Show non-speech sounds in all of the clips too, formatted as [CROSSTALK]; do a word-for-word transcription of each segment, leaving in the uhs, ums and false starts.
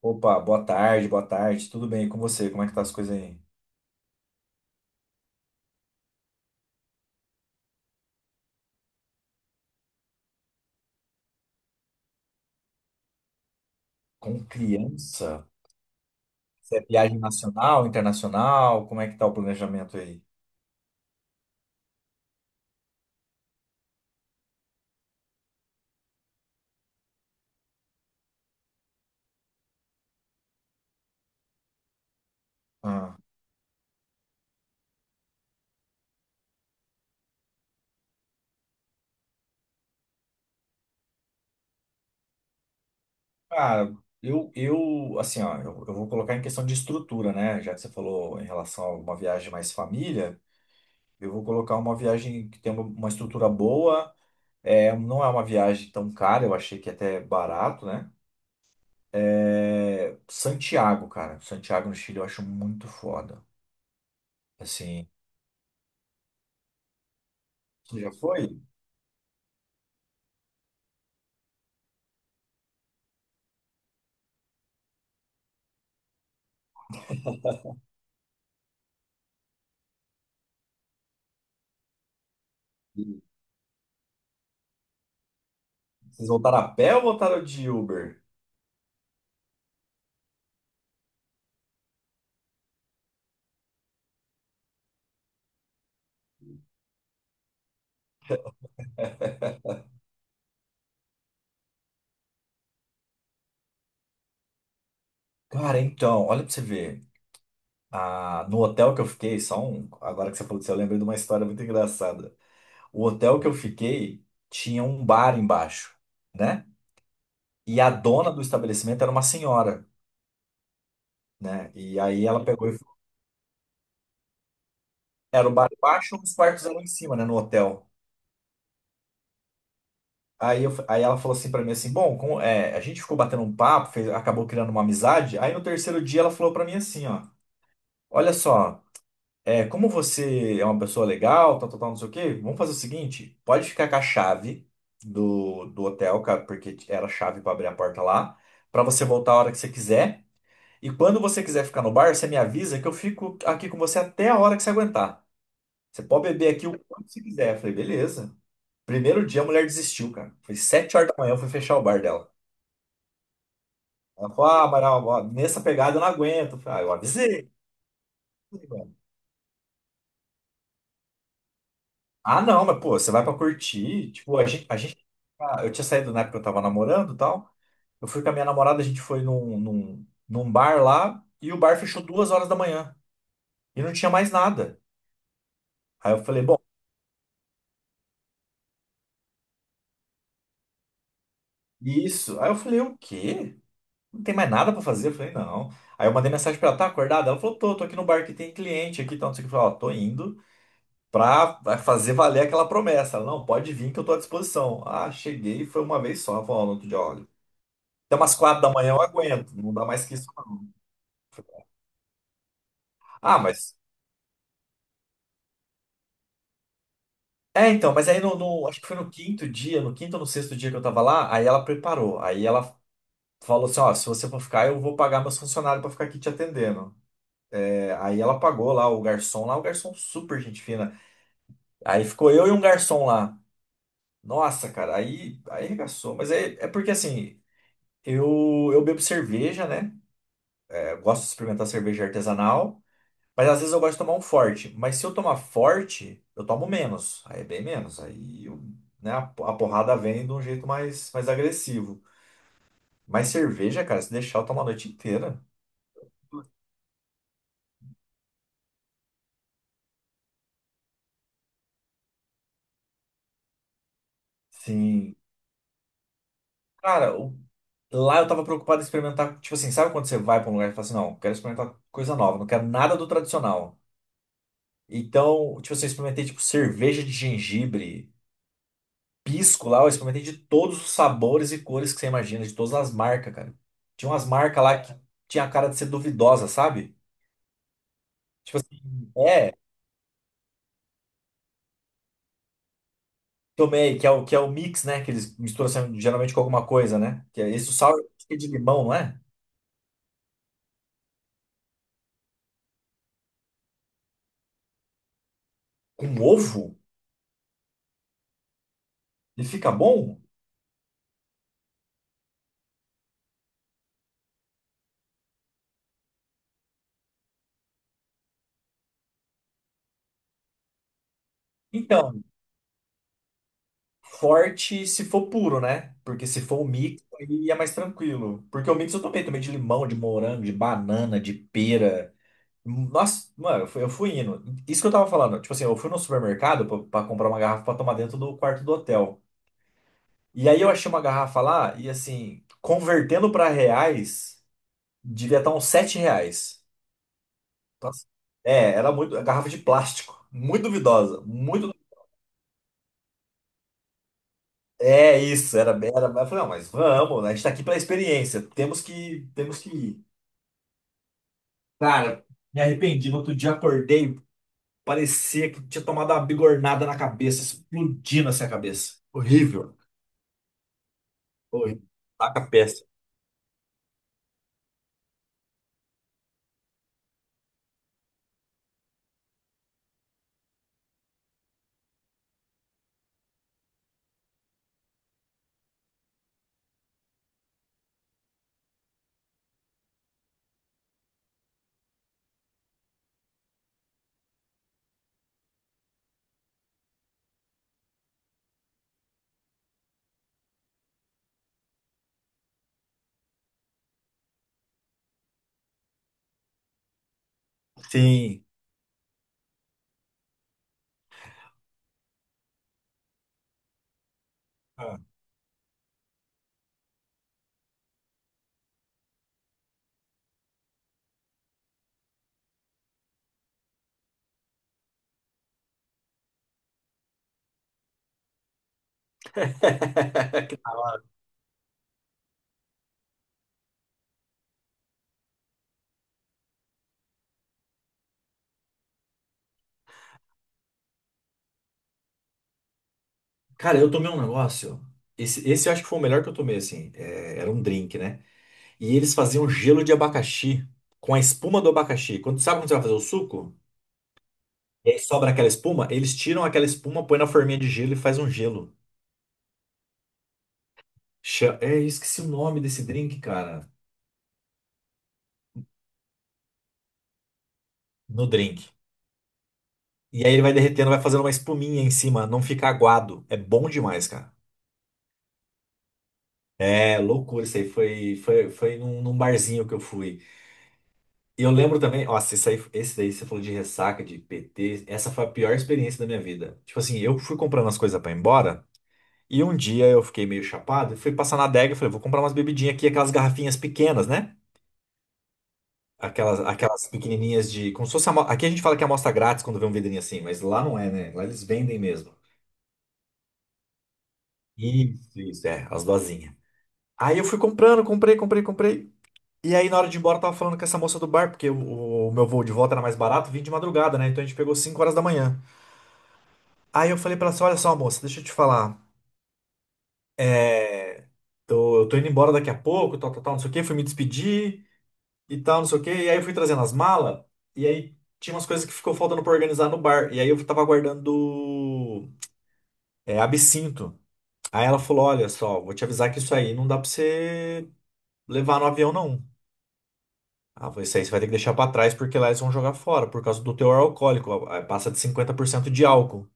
Opa, boa tarde, boa tarde. Tudo bem e com você? Como é que tá as coisas aí? Com criança? Você é viagem nacional, internacional? Como é que tá o planejamento aí? Ah, cara, eu, eu, assim, ó, eu, eu vou colocar em questão de estrutura, né? Já que você falou em relação a uma viagem mais família, eu vou colocar uma viagem que tem uma, uma estrutura boa. É, não é uma viagem tão cara, eu achei que é até barato, né? É, Santiago, cara. Santiago no Chile eu acho muito foda. Assim, você já foi? Vocês voltaram a pé ou voltaram de Uber? [LAUGHS] Cara, então, olha pra você ver. Ah, no hotel que eu fiquei, só um. Agora que você falou disso, eu lembrei de uma história muito engraçada. O hotel que eu fiquei tinha um bar embaixo, né? E a dona do estabelecimento era uma senhora, né? E aí ela pegou e falou, era o bar embaixo, os quartos eram em cima, né? No hotel. Aí, eu, aí ela falou assim pra mim assim, bom, como- é, a gente ficou batendo um papo, fez- acabou criando uma amizade. Aí no terceiro dia ela falou pra mim assim, ó, olha só. É, como você é uma pessoa legal, tal, tal, tal, não sei o quê, vamos fazer o seguinte: pode ficar com a chave do, do hotel, ca- porque era a chave para abrir a porta lá, para você voltar a hora que você quiser. E quando você quiser ficar no bar, você me avisa que eu fico aqui com você até a hora que você aguentar. Você pode beber aqui o quanto você quiser. Eu falei, beleza. Primeiro dia a mulher desistiu, cara. Foi sete horas da manhã, eu fui fechar o bar dela. Ela falou, ah, Amaral, ó, nessa pegada eu não aguento. Eu falei, ah, eu avisei. Ah, não, mas pô, você vai pra curtir. Tipo, a gente, a gente. Ah, eu tinha saído na época que eu tava namorando e tal. Eu fui com a minha namorada, a gente foi num, num, num bar lá e o bar fechou duas horas da manhã e não tinha mais nada. Aí eu falei, bom, isso. Aí eu falei, o quê? Não tem mais nada pra fazer? Eu falei, não. Aí eu mandei mensagem pra ela, tá acordada? Ela falou, tô, tô aqui no bar que tem cliente aqui, e tal, não sei o que. Eu falei, ó, tô indo pra vai fazer valer aquela promessa. Ela, não, pode vir que eu tô à disposição. Ah, cheguei, foi uma vez só. Ela falou, ó, no outro dia, olha. Até umas quatro da manhã eu aguento, não dá mais que isso, não. Ah, mas. É, então, mas aí no, no- acho que foi no quinto dia, no quinto ou no sexto dia que eu tava lá, aí ela preparou. Aí ela falou assim: ó, se você for ficar, eu vou pagar meus funcionários pra ficar aqui te atendendo. É, aí ela pagou lá o garçom lá, o garçom super gente fina. Aí ficou eu e um garçom lá. Nossa, cara, aí, aí arregaçou. Mas é, é porque assim, eu, eu bebo cerveja, né? É, eu gosto de experimentar cerveja artesanal. Mas às vezes eu gosto de tomar um forte. Mas se eu tomar forte, eu tomo menos. Aí é bem menos. Aí, eu- né, a po- a porrada vem de um jeito mais, mais agressivo. Mas cerveja, cara, se deixar, eu tomo a noite inteira. Sim. Cara, o- lá eu tava preocupado em experimentar. Tipo assim, sabe quando você vai pra um lugar e fala assim: não, quero experimentar coisa nova, não quero nada do tradicional. Então, tipo assim, eu experimentei tipo cerveja de gengibre. Pisco lá, eu experimentei de todos os sabores e cores que você imagina, de todas as marcas, cara. Tinha umas marcas lá que tinha a cara de ser duvidosa, sabe? Tipo assim, é, tomei, que é o, que é o mix, né? Que eles misturam assim, geralmente com alguma coisa, né? Que é esse o sour que é de limão, não é? Com ovo? Ele fica bom? Então, forte se for puro, né? Porque se for o mix, aí é mais tranquilo. Porque o mix eu tomei, tomei de limão, de morango, de banana, de pera. Nossa, mano, eu fui, eu fui indo. Isso que eu tava falando. Tipo assim, eu fui no supermercado pra, pra comprar uma garrafa pra tomar dentro do quarto do hotel. E aí eu achei uma garrafa lá e assim, convertendo pra reais, devia estar uns sete reais. Então, assim, é, era muito. A garrafa de plástico. Muito duvidosa. Muito. É isso, era, era. Eu falei, não, mas vamos, né? A gente tá aqui pela experiência. Temos que, temos que ir. Cara, me arrependi. No outro dia acordei. Parecia que tinha tomado uma bigornada na cabeça, explodindo assim a cabeça. Horrível. Horrível. Taca péssimo. Sim. Ah. [LAUGHS] Cara, eu tomei um negócio. Esse, esse eu acho que foi o melhor que eu tomei, assim. É, era um drink, né? E eles faziam gelo de abacaxi com a espuma do abacaxi. Quando, sabe quando você vai fazer o suco? E aí sobra aquela espuma, eles tiram aquela espuma, põe na forminha de gelo e faz um gelo. Cha- É, eu esqueci o nome desse drink, cara. No drink. E aí ele vai derretendo, vai fazendo uma espuminha em cima, não fica aguado. É bom demais, cara. É loucura isso aí. Foi, foi, foi num, num, barzinho que eu fui. E eu lembro também, nossa, isso aí, esse daí você falou de ressaca, de P T. Essa foi a pior experiência da minha vida. Tipo assim, eu fui comprando as coisas pra ir embora. E um dia eu fiquei meio chapado e fui passar na adega e falei, vou comprar umas bebidinhas aqui, aquelas garrafinhas pequenas, né? Aquelas, aquelas pequenininhas de. Como se fosse. amo- Aqui a gente fala que é amostra grátis quando vê um vidrinho assim, mas lá não é, né? Lá eles vendem mesmo. Isso, isso, é, as dosinhas. Aí eu fui comprando, comprei, comprei, comprei. E aí na hora de ir embora eu tava falando com essa moça do bar, porque o, o meu voo de volta era mais barato, vim de madrugada, né? Então a gente pegou cinco horas da manhã. Aí eu falei pra ela assim, olha só, moça, deixa eu te falar. É... Tô, eu tô indo embora daqui a pouco, tal, tal, tal, não sei o quê. Fui me despedir e tal, não sei o quê. E aí eu fui trazendo as malas. E aí tinha umas coisas que ficou faltando pra organizar no bar. E aí eu tava guardando é, absinto. Aí ela falou, olha só, vou te avisar que isso aí não dá pra você levar no avião, não. Ah, isso aí você vai ter que deixar pra trás porque lá eles vão jogar fora por causa do teor alcoólico. Ah, passa de cinquenta por cento de álcool.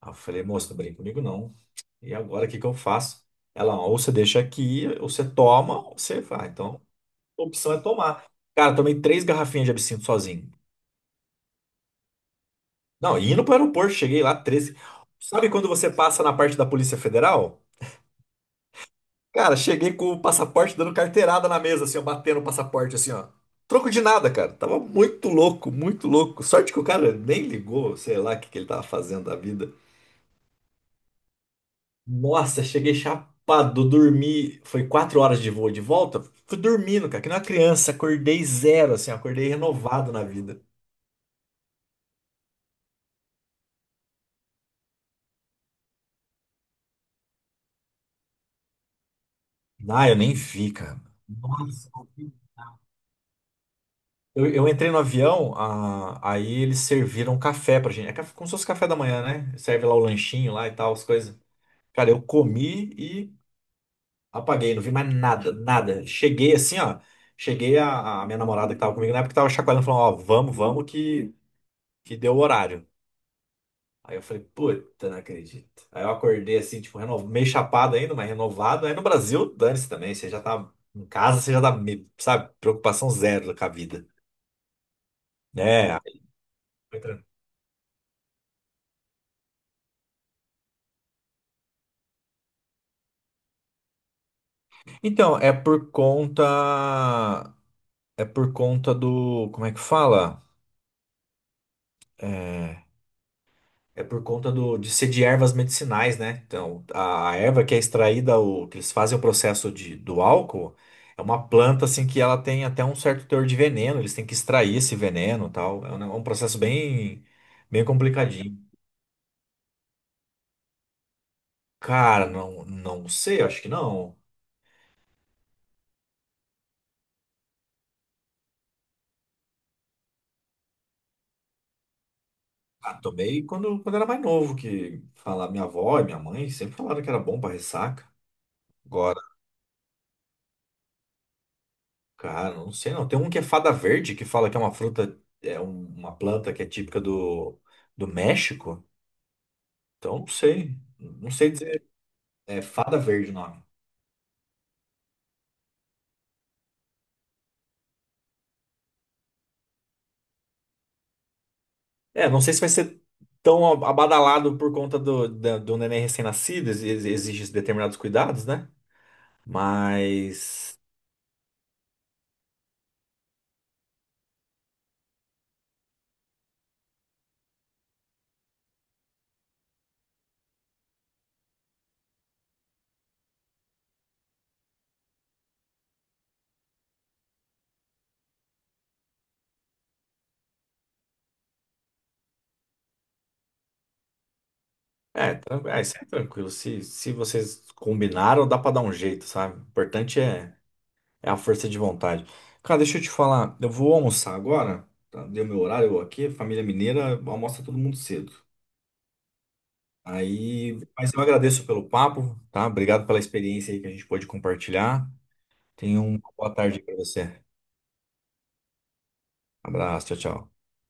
Ah, eu falei, moça, não brinca comigo não. E agora o que que eu faço? Ela, ou você deixa aqui, ou você toma, ou você vai. Ah, então, a opção é tomar. Cara, tomei três garrafinhas de absinto sozinho. Não, indo pro aeroporto, cheguei lá, treze. Sabe quando você passa na parte da Polícia Federal? Cara, cheguei com o passaporte dando carteirada na mesa, assim, ó, batendo o passaporte, assim, ó. Troco de nada, cara. Tava muito louco, muito louco. Sorte que o cara nem ligou, sei lá o que que ele tava fazendo da vida. Nossa, cheguei chapado, dormi. Foi quatro horas de voo de volta. Fui dormindo, cara, que nem uma criança. Acordei zero, assim, ó, acordei renovado na vida. Ah, eu nem vi, cara. Nossa, eu, eu entrei no avião, ah, aí eles serviram um café pra gente. É café- como se fosse café da manhã, né? Serve lá o lanchinho lá e tal, as coisas. Cara, eu comi e apaguei, não vi mais nada, nada. Cheguei assim, ó. Cheguei a, a minha namorada que tava comigo na época tava chacoalhando, falando, ó, vamos, vamos que, que deu o horário. Aí eu falei, puta, não acredito. Aí eu acordei assim, tipo, reno- meio chapado ainda, mas renovado. Aí no Brasil, dane-se também, você já tá em casa, você já tá, me- sabe, preocupação zero com a vida, né? Aí foi tranquilo. Então, é por conta. É por conta do. Como é que fala? É, É por conta do, de ser de ervas medicinais, né? Então, a, a erva que é extraída, o, que eles fazem o processo de, do álcool, é uma planta assim que ela tem até um certo teor de veneno, eles têm que extrair esse veneno e tal. É um, ne- é um processo bem, bem complicadinho. Cara, não, não sei, acho que não. Ah, tomei quando, quando era mais novo, que fala, minha avó e minha mãe sempre falaram que era bom pra ressaca. Cara, não sei não. Tem um que é fada verde, que fala que é uma fruta, é um- uma planta que é típica do, do México. Então, não sei. Não sei dizer. É fada verde o nome. É, não sei se vai ser tão a- abadalado por conta do, da- do neném recém-nascido, ex- ex- exige determinados cuidados, né? Mas. É, tran- é, isso é tranquilo. Se, se vocês combinaram, dá pra dar um jeito, sabe? O importante é. É a força de vontade. Cara, deixa eu te falar, eu vou almoçar agora, tá? Deu meu horário aqui, família mineira, almoça todo mundo cedo. Aí, mas eu agradeço pelo papo, tá? Obrigado pela experiência aí que a gente pôde compartilhar. Tenha uma boa tarde para você. Abraço, tchau, tchau.